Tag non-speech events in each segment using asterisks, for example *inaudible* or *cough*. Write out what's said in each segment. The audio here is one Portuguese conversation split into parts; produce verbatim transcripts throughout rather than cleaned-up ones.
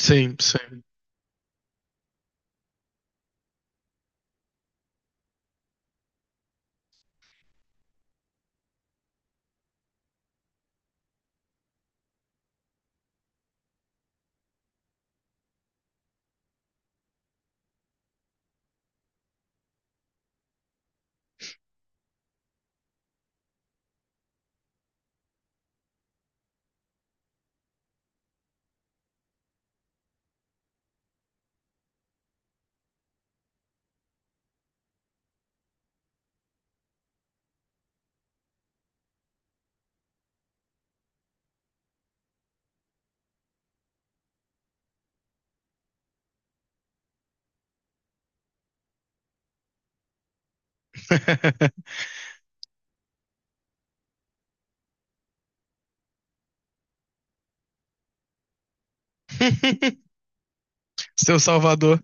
Sim, sim. *laughs* Seu Salvador.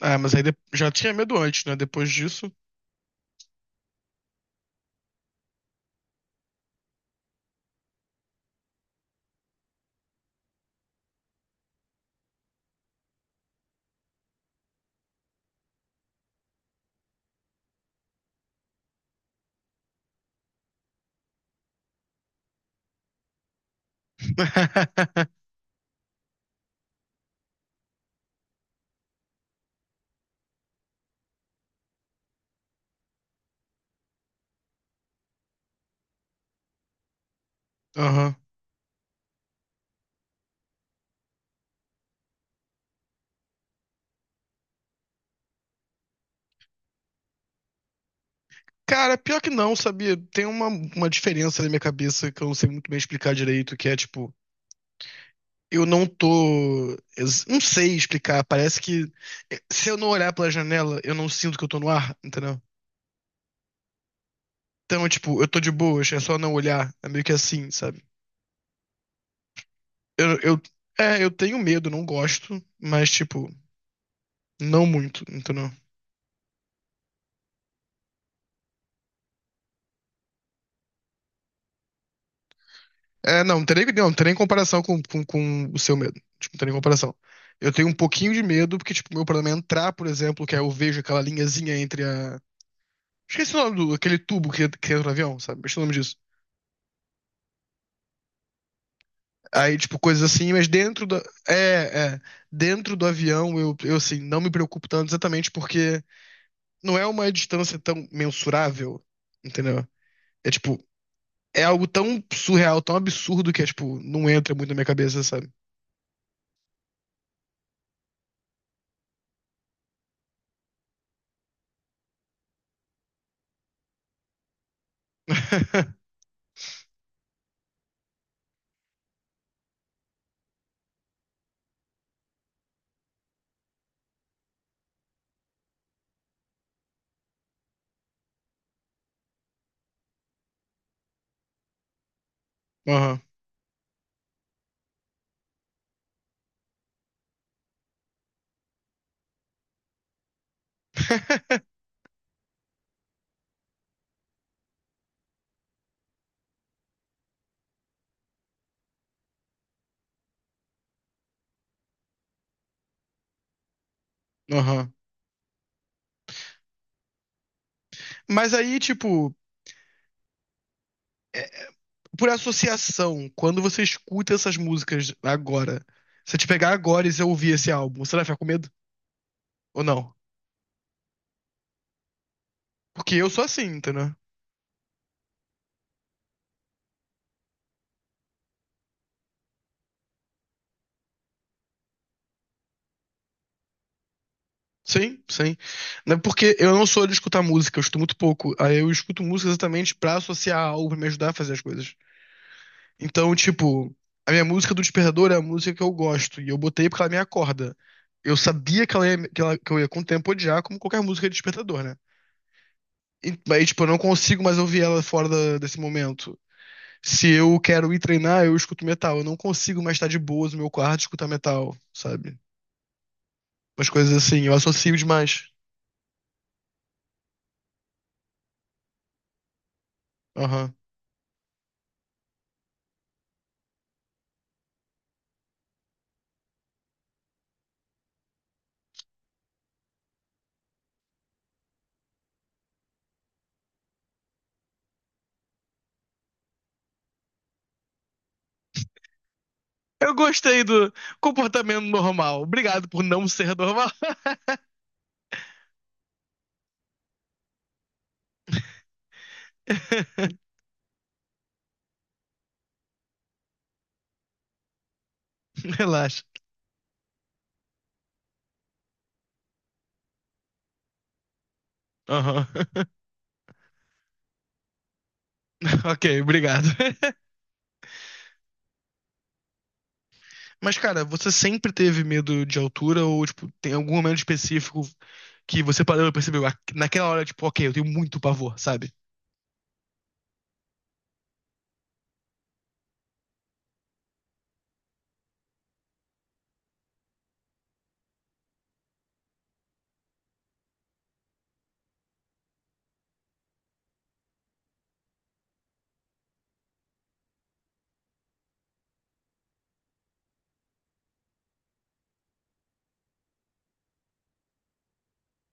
Ah, mas aí de- já tinha medo antes, né? Depois disso. *laughs* Aham. Cara, pior que não, sabia? Tem uma, uma diferença na minha cabeça que eu não sei muito bem explicar direito, que é tipo, eu não tô. ex- Não sei explicar. Parece que eh, se eu não olhar pela janela, eu não sinto que eu tô no ar, entendeu? Então, tipo, eu tô de boas, é só não olhar. É meio que assim, sabe? Eu, eu, é, eu tenho medo, não gosto, mas, tipo, não muito, entendeu? É, não, não tem nem, não, não tem nem comparação com, com, com o seu medo. Tipo, não tem nem comparação. Eu tenho um pouquinho de medo, porque, tipo, meu problema é entrar, por exemplo, que aí eu vejo aquela linhazinha entre a. Esqueci o nome do, aquele tubo que, que entra no avião, sabe? Esqueci o nome disso. Aí, tipo, coisas assim, mas dentro da. É, é. Dentro do avião, eu, eu, assim, não me preocupo tanto exatamente porque não é uma distância tão mensurável, entendeu? É, tipo, é algo tão surreal, tão absurdo que é, tipo, não entra muito na minha cabeça, sabe? Aham. *laughs* Aham. Mas aí, tipo, é, por associação, quando você escuta essas músicas agora, se eu te pegar agora e você ouvir esse álbum, você vai ficar com medo? Ou não? Porque eu sou assim, entendeu? Sim, sim. Não é porque eu não sou de escutar música, eu escuto muito pouco. Aí eu escuto música exatamente pra associar algo, pra me ajudar a fazer as coisas. Então, tipo, a minha música do despertador é a música que eu gosto, e eu botei porque ela me acorda. Eu sabia que, ela ia- que, ela- que eu ia com o tempo odiar, como qualquer música de despertador, né? E, mas, tipo, eu não consigo mais ouvir ela fora da- desse momento. Se eu quero ir treinar, eu escuto metal. Eu não consigo mais estar de boas no meu quarto e escutar metal, sabe? Umas coisas assim, eu associo demais. Aham. Eu gostei do comportamento normal. Obrigado por não ser normal. *laughs* Relaxa. Aham. *laughs* Ok, obrigado. Mas, cara, você sempre teve medo de altura ou, tipo, tem algum momento específico que você parou e percebeu, "Ah, naquela hora, tipo, ok, eu tenho muito pavor, sabe?"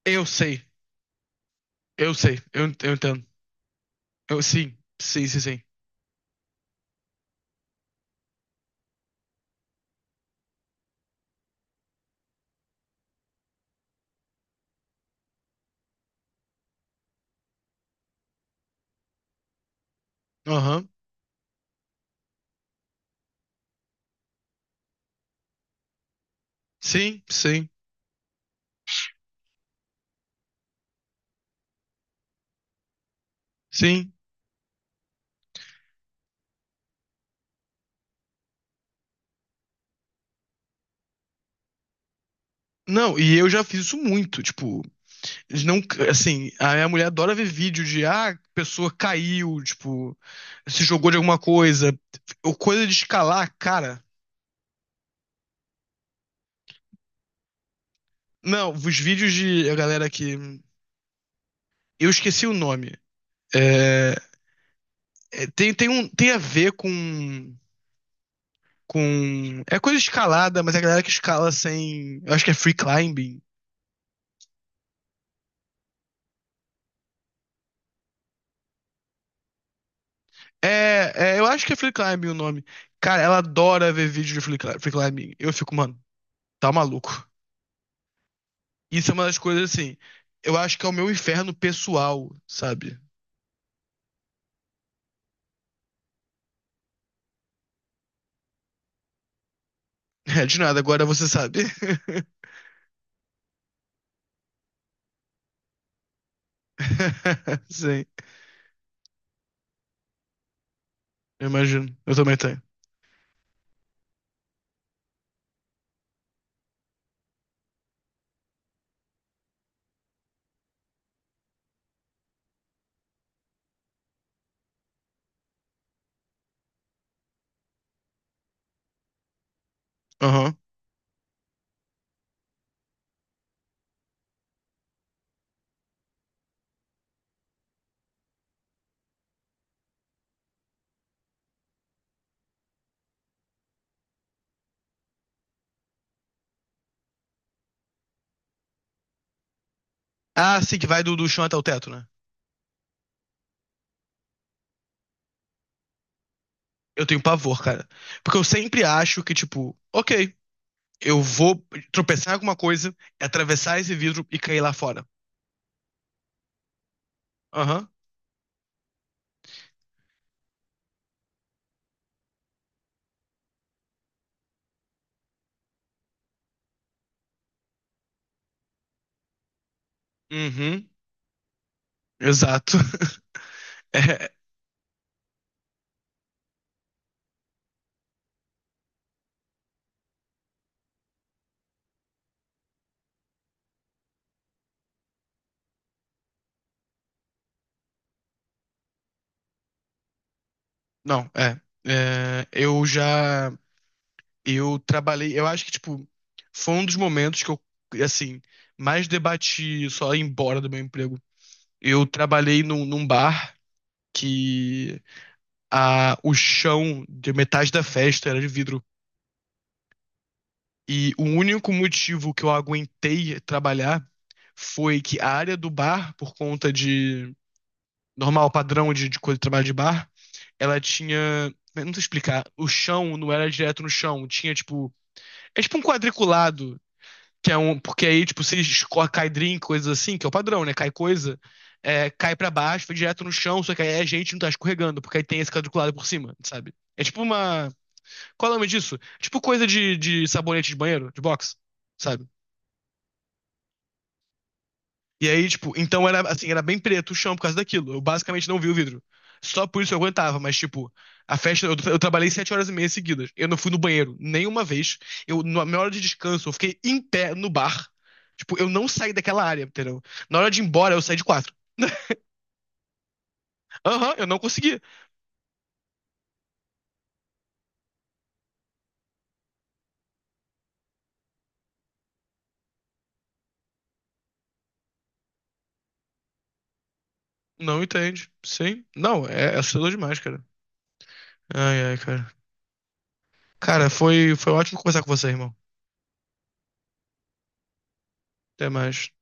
Eu sei. Eu sei, eu, ent- eu entendo. Eu, sim, sim, sim, sim. Aham. Sim, sim, sim. Não, e eu já fiz isso muito, tipo, eles não, assim, a minha mulher adora ver vídeo de, ah, a pessoa caiu, tipo, se jogou de alguma coisa, ou coisa de escalar, cara. Não, os vídeos de a galera que, eu esqueci o nome. É, é, tem, tem um, tem a ver com, com, é coisa de escalada, mas é a galera que escala sem, eu acho que é free climbing. É, é, eu acho que é free climbing o nome. Cara, ela adora ver vídeo de free cli- free climbing. Eu fico, mano, tá maluco. Isso é uma das coisas assim. Eu acho que é o meu inferno pessoal, sabe? *laughs* É, de nada, agora você sabe. *laughs* Sim, eu imagino. Eu também tenho. Aham. Ah, sim, que vai do, do chão até o teto, né? Eu tenho pavor, cara. Porque eu sempre acho que, tipo, ok, eu vou tropeçar em alguma coisa, atravessar esse vidro e cair lá fora. Aham. Uhum. Exato. *laughs* É. Não, é. É, eu já. Eu trabalhei. Eu acho que, tipo, foi um dos momentos que eu, assim, mais debati só ir embora do meu emprego. Eu trabalhei num, num bar que a, o chão de metade da festa era de vidro. E o único motivo que eu aguentei trabalhar foi que a área do bar, por conta de normal padrão de, de coisa de trabalho de bar, ela tinha. Eu não sei explicar. O chão não era direto no chão. Tinha, tipo, é tipo um quadriculado, que é um. Porque aí, tipo, se escorre- cai drink, coisas assim, que é o padrão, né? Cai coisa, é, cai pra baixo, vai direto no chão, só que aí a gente não tá escorregando, porque aí tem esse quadriculado por cima, sabe? É tipo uma. Qual é o nome disso? É tipo coisa de, de sabonete de banheiro, de box, sabe? E aí, tipo, então era assim, era bem preto o chão por causa daquilo. Eu basicamente não vi o vidro. Só por isso eu aguentava, mas tipo, a festa, eu, eu trabalhei sete horas e meia seguidas. Eu não fui no banheiro nenhuma vez. Eu, na minha hora de descanso, eu fiquei em pé no bar. Tipo, eu não saí daquela área, entendeu? Na hora de ir embora, eu saí de quatro. Aham, eu não consegui. Não entende. Sim. Não, é, é assustador demais, cara. Ai, ai, cara. Cara, foi, foi ótimo conversar com você, irmão. Até mais.